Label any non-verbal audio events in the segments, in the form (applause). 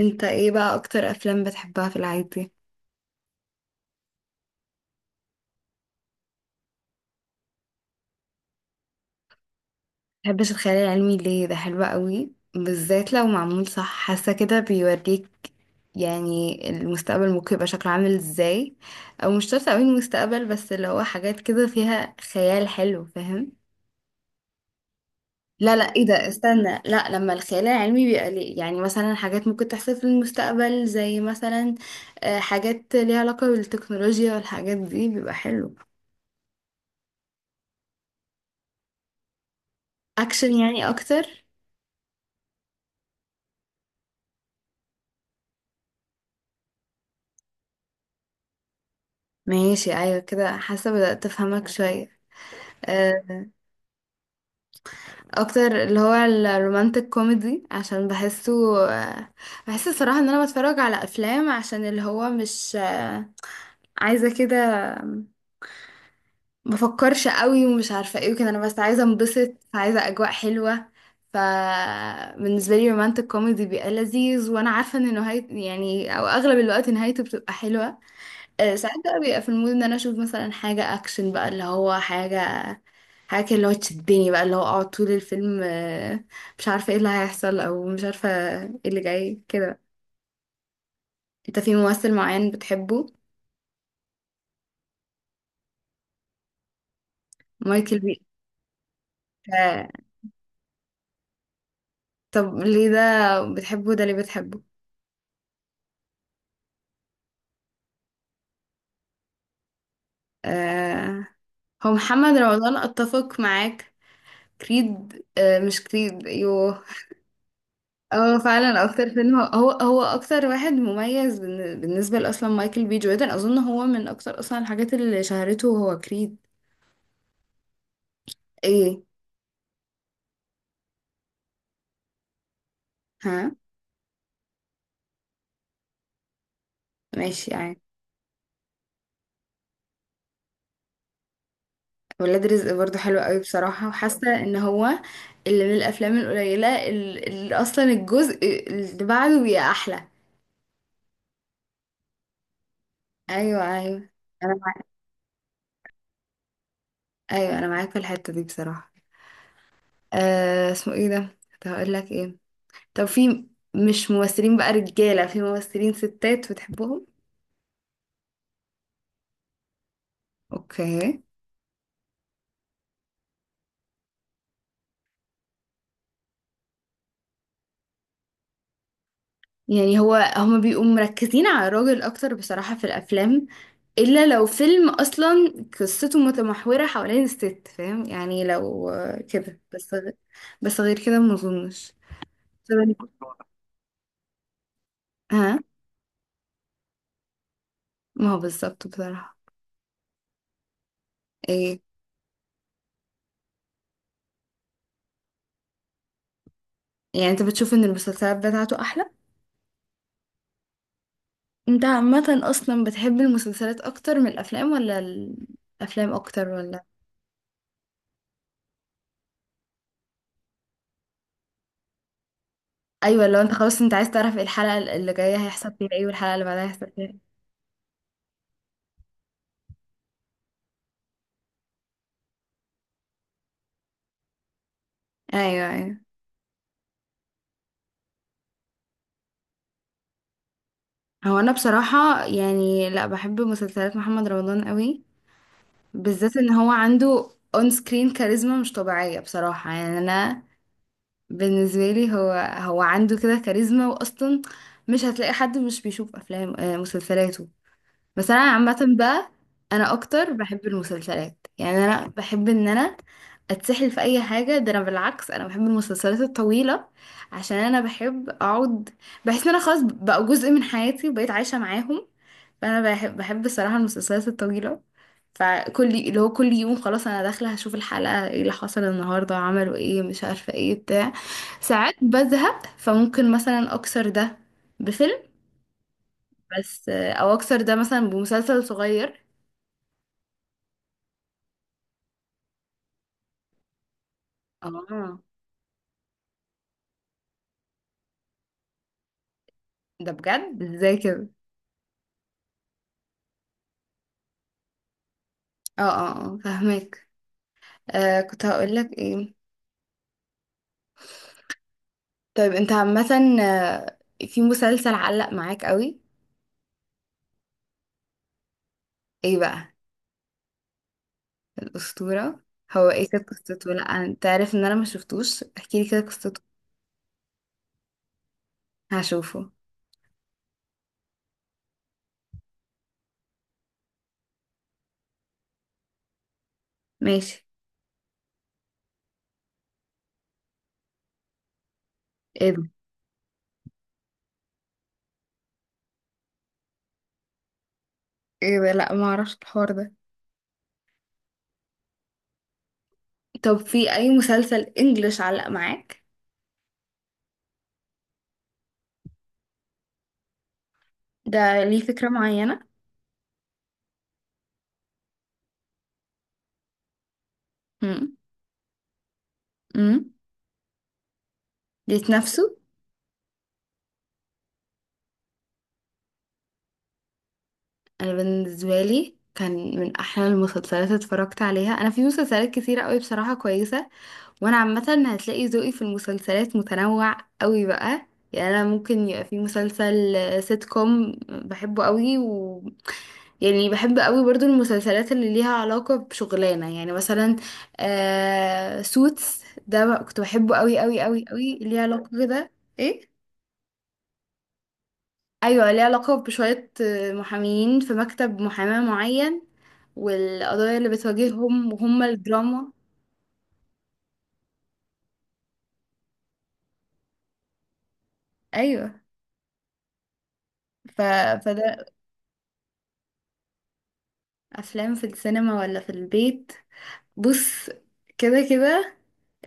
انت ايه بقى اكتر افلام بتحبها في العادي؟ مبحبش الخيال العلمي ليه؟ ده حلو قوي، بالذات لو معمول صح، حاسه كده بيوريك يعني المستقبل ممكن يبقى شكله عامل ازاي. او مش شرط قوي المستقبل، بس اللي هو حاجات كده فيها خيال حلو، فاهم؟ لا لا، ايه ده، استنى، لا لما الخيال العلمي بيبقى ليه يعني، مثلا حاجات ممكن تحصل في المستقبل زي مثلا حاجات ليها علاقه بالتكنولوجيا والحاجات دي بيبقى حلو. اكشن يعني اكتر؟ ماشي، ايوه كده حاسه بدأت افهمك شويه. آه، اكتر اللي هو الرومانتك كوميدي عشان بحسه. آه، بحس الصراحه ان انا بتفرج على افلام عشان اللي هو مش عايزه كده، بفكرش قوي ومش عارفه ايه وكده، انا بس عايزه انبسط، عايزه اجواء حلوه. فبالنسبه لي رومانتك كوميدي بيبقى لذيذ، وانا عارفه ان نهايه يعني او اغلب الوقت نهايته بتبقى حلوه. ساعات بقى بيبقى في المود ان انا اشوف مثلا حاجة اكشن، بقى اللي هو حاجة، حاجة كده اللي هو تشدني، بقى اللي هو اقعد طول الفيلم مش عارفة ايه اللي هيحصل، او مش عارفة ايه اللي جاي كده. انت في ممثل معين بتحبه؟ مايكل بي. آه، طب ليه ده بتحبه؟ ده ليه بتحبه؟ آه، هو محمد رمضان اتفق معاك؟ كريد، مش كريد، ايوه. اه فعلا اكتر فيلم هو هو اكتر واحد مميز بالنسبه لاصلا مايكل بي جوردن، اظن هو من اكتر اصلا الحاجات اللي شهرته هو كريد. ايه؟ ها. ماشي يعني. ولاد رزق برضو حلو قوي بصراحه، وحاسه ان هو اللي من الافلام القليله اللي اصلا الجزء اللي بعده بيبقى احلى. ايوه ايوه، انا معاك، ايوه انا معاك في الحته دي بصراحه. آه، اسمه ايه ده؟ كنت هقول لك ايه؟ طب في، مش ممثلين بقى رجاله، في ممثلين ستات بتحبهم؟ اوكي. يعني هو هما بيبقوا مركزين على الراجل اكتر بصراحة في الافلام، الا لو فيلم اصلا قصته متمحورة حوالين الست، فاهم يعني؟ لو كده بس بس غير كده ما اظنش. طب ها. ما هو بالظبط بصراحة. ايه؟ يعني انت بتشوف ان المسلسلات بتاعته احلى؟ انت عامة اصلا بتحب المسلسلات اكتر من الافلام ولا الافلام اكتر ولا؟ ايوه، لو انت خلاص انت عايز تعرف ايه الحلقة اللي جاية هيحصل فيها ايه، والحلقة اللي بعدها هيحصل فيها إيه. ايوه ايوه. هو انا بصراحة يعني لا بحب مسلسلات محمد رمضان قوي، بالذات ان هو عنده اون سكرين كاريزما مش طبيعية بصراحة، يعني انا بالنسبة لي هو هو عنده كده كاريزما، واصلا مش هتلاقي حد مش بيشوف افلام مسلسلاته. بس انا عامة بقى انا اكتر بحب المسلسلات، يعني انا بحب ان انا اتسحل في اي حاجة، ده انا بالعكس انا بحب المسلسلات الطويلة عشان انا بحب اقعد، بحس ان انا خلاص بقوا جزء من حياتي وبقيت عايشة معاهم. فانا بحب الصراحه المسلسلات الطويله، فكل اللي هو كل يوم خلاص انا داخله هشوف الحلقه ايه اللي حصل النهارده، عملوا ايه مش عارفه ايه بتاع. ساعات بزهق، فممكن مثلا اكسر ده بفيلم، بس او اكسر ده مثلا بمسلسل صغير. اه ده بجد؟ ازاي كده؟ اه اه اه فاهمك. آه كنت هقول لك ايه؟ طيب انت عامه، آه، في مسلسل علق معاك قوي؟ ايه بقى؟ الأسطورة؟ هو ايه كانت قصته؟ لا انت عارف ان انا ما شفتوش، احكيلي كده قصته. هشوفه، ماشي. ايه ده؟ ايه ده؟ لا ما اعرفش الحوار ده. طب في اي مسلسل انجلش علق معاك؟ ده ليه فكرة معينة؟ امم، امم. ليت نفسه. انا بالنسبة لي كان من احلى المسلسلات اللي اتفرجت عليها. انا في مسلسلات كتيرة قوي بصراحة كويسة، وانا عامة هتلاقي ذوقي في المسلسلات متنوع قوي بقى. يعني انا ممكن يبقى في مسلسل سيت كوم بحبه قوي، و يعني بحب قوي برضو المسلسلات اللي ليها علاقة بشغلانة، يعني مثلا سوتس ده بقى كنت بحبه قوي قوي قوي قوي، ليه علاقة كده. ايه؟ ايوه ليه علاقة بشوية محامين في مكتب محاماة معين، والقضايا اللي بتواجههم وهم الدراما. ايوه. ف... فده افلام في السينما ولا في البيت؟ بص، كده كده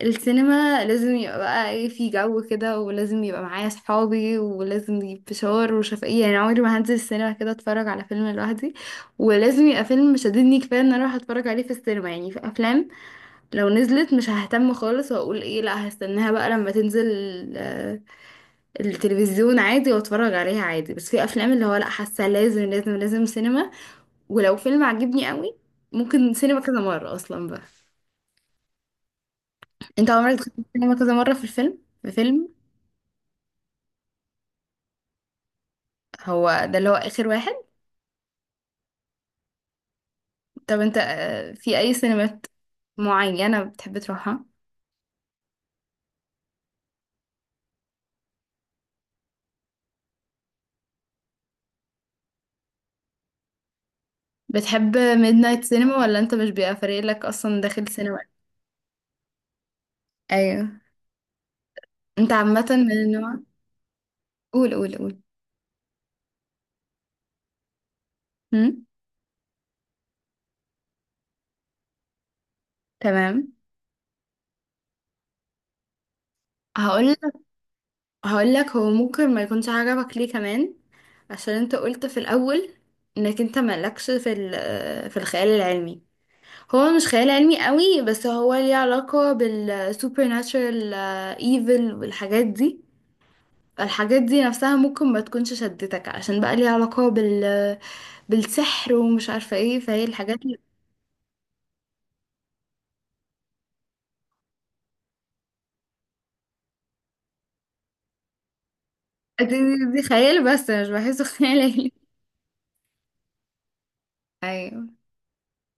السينما لازم يبقى بقى ايه في جو كده، ولازم يبقى معايا صحابي، ولازم نجيب فشار وشفقية، يعني عمري ما هنزل السينما كده اتفرج على فيلم لوحدي، ولازم يبقى فيلم شددني كفاية ان انا اروح اتفرج عليه في السينما. يعني في افلام لو نزلت مش ههتم خالص واقول ايه لا هستناها بقى لما تنزل آه، التلفزيون عادي واتفرج عليها عادي، بس في افلام اللي هو لا، حاسة لازم لازم لازم سينما. ولو فيلم عجبني قوي ممكن سينما كذا مرة اصلا بقى. انت عمرك دخلت السينما كذا مرة في الفيلم، في فيلم؟ هو ده اللي هو آخر واحد؟ طب انت في أي سينمات معينة بتحب تروحها؟ بتحب ميد نايت سينما ولا انت مش بيبقى فارق لك أصلا داخل سينما؟ أيوه. انت عامة من النوع. قول قول قول. هم؟ تمام. هقول هقول لك هو ممكن ما يكونش عجبك ليه كمان، عشان انت قلت في الأول انك انت مالكش في في الخيال العلمي. هو مش خيال علمي قوي، بس هو ليه علاقة بالسوبر ناتشرال ايفل والحاجات دي. الحاجات دي نفسها ممكن ما تكونش شدتك عشان بقى ليها علاقة بال بالسحر ومش عارفة ايه، فهي الحاجات اللي- دي خيال، بس أنا مش بحسه (laughs) خيال علمي. ايوه.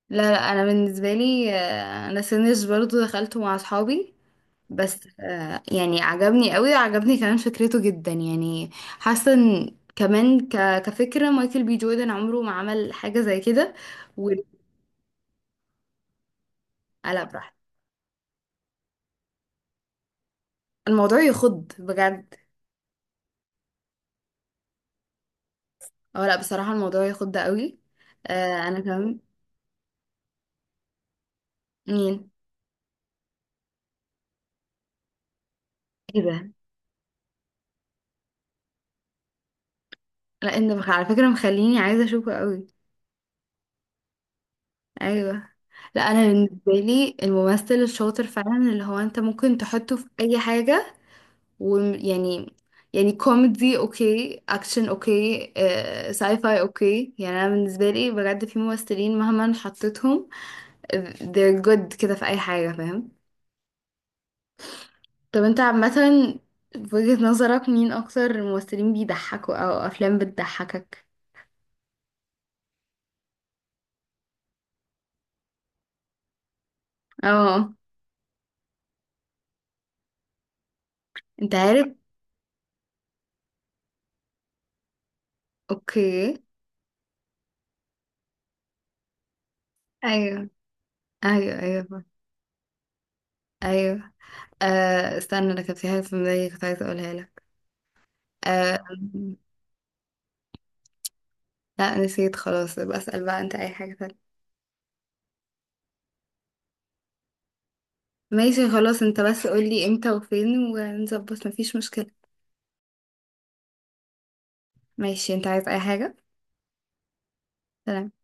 لا لا، انا بالنسبة لي انا سينج برضو دخلته مع اصحابي، بس يعني عجبني قوي، عجبني كمان فكرته جدا، يعني حاسه ان كمان كفكره مايكل بي جوردن عمره ما عمل حاجه زي كده. و لا براحته. الموضوع يخض بجد. اه لا بصراحه الموضوع يخض قوي. آه انا كمان. مين؟ ايه ده؟ لا انت على فكره مخليني عايزه اشوفه قوي. ايوه. لا انا بالنسبه لي الممثل الشاطر فعلا اللي هو انت ممكن تحطه في اي حاجه، ويعني يعني كوميدي اوكي، اكشن اوكي، ساي فاي اوكي. يعني انا بالنسبه لي بجد في ممثلين مهما حطيتهم they're good كده في اي حاجه، فاهم. طب انت عامه في وجهه نظرك مين اكتر ممثلين بيضحكوا او افلام بتضحكك؟ اه. انت عارف. اوكي. ايوه ايوه ايوه ايوه. آه استنى، انا كان في حاجه في دماغي كنت عايزه اقولها لك. آه، لا نسيت خلاص. بسأل بقى، انت اي حاجه تانية؟ ماشي خلاص، انت بس قولي امتى وفين ونظبط مفيش مشكلة. ماشي، انت عايز اي حاجة؟ سلام.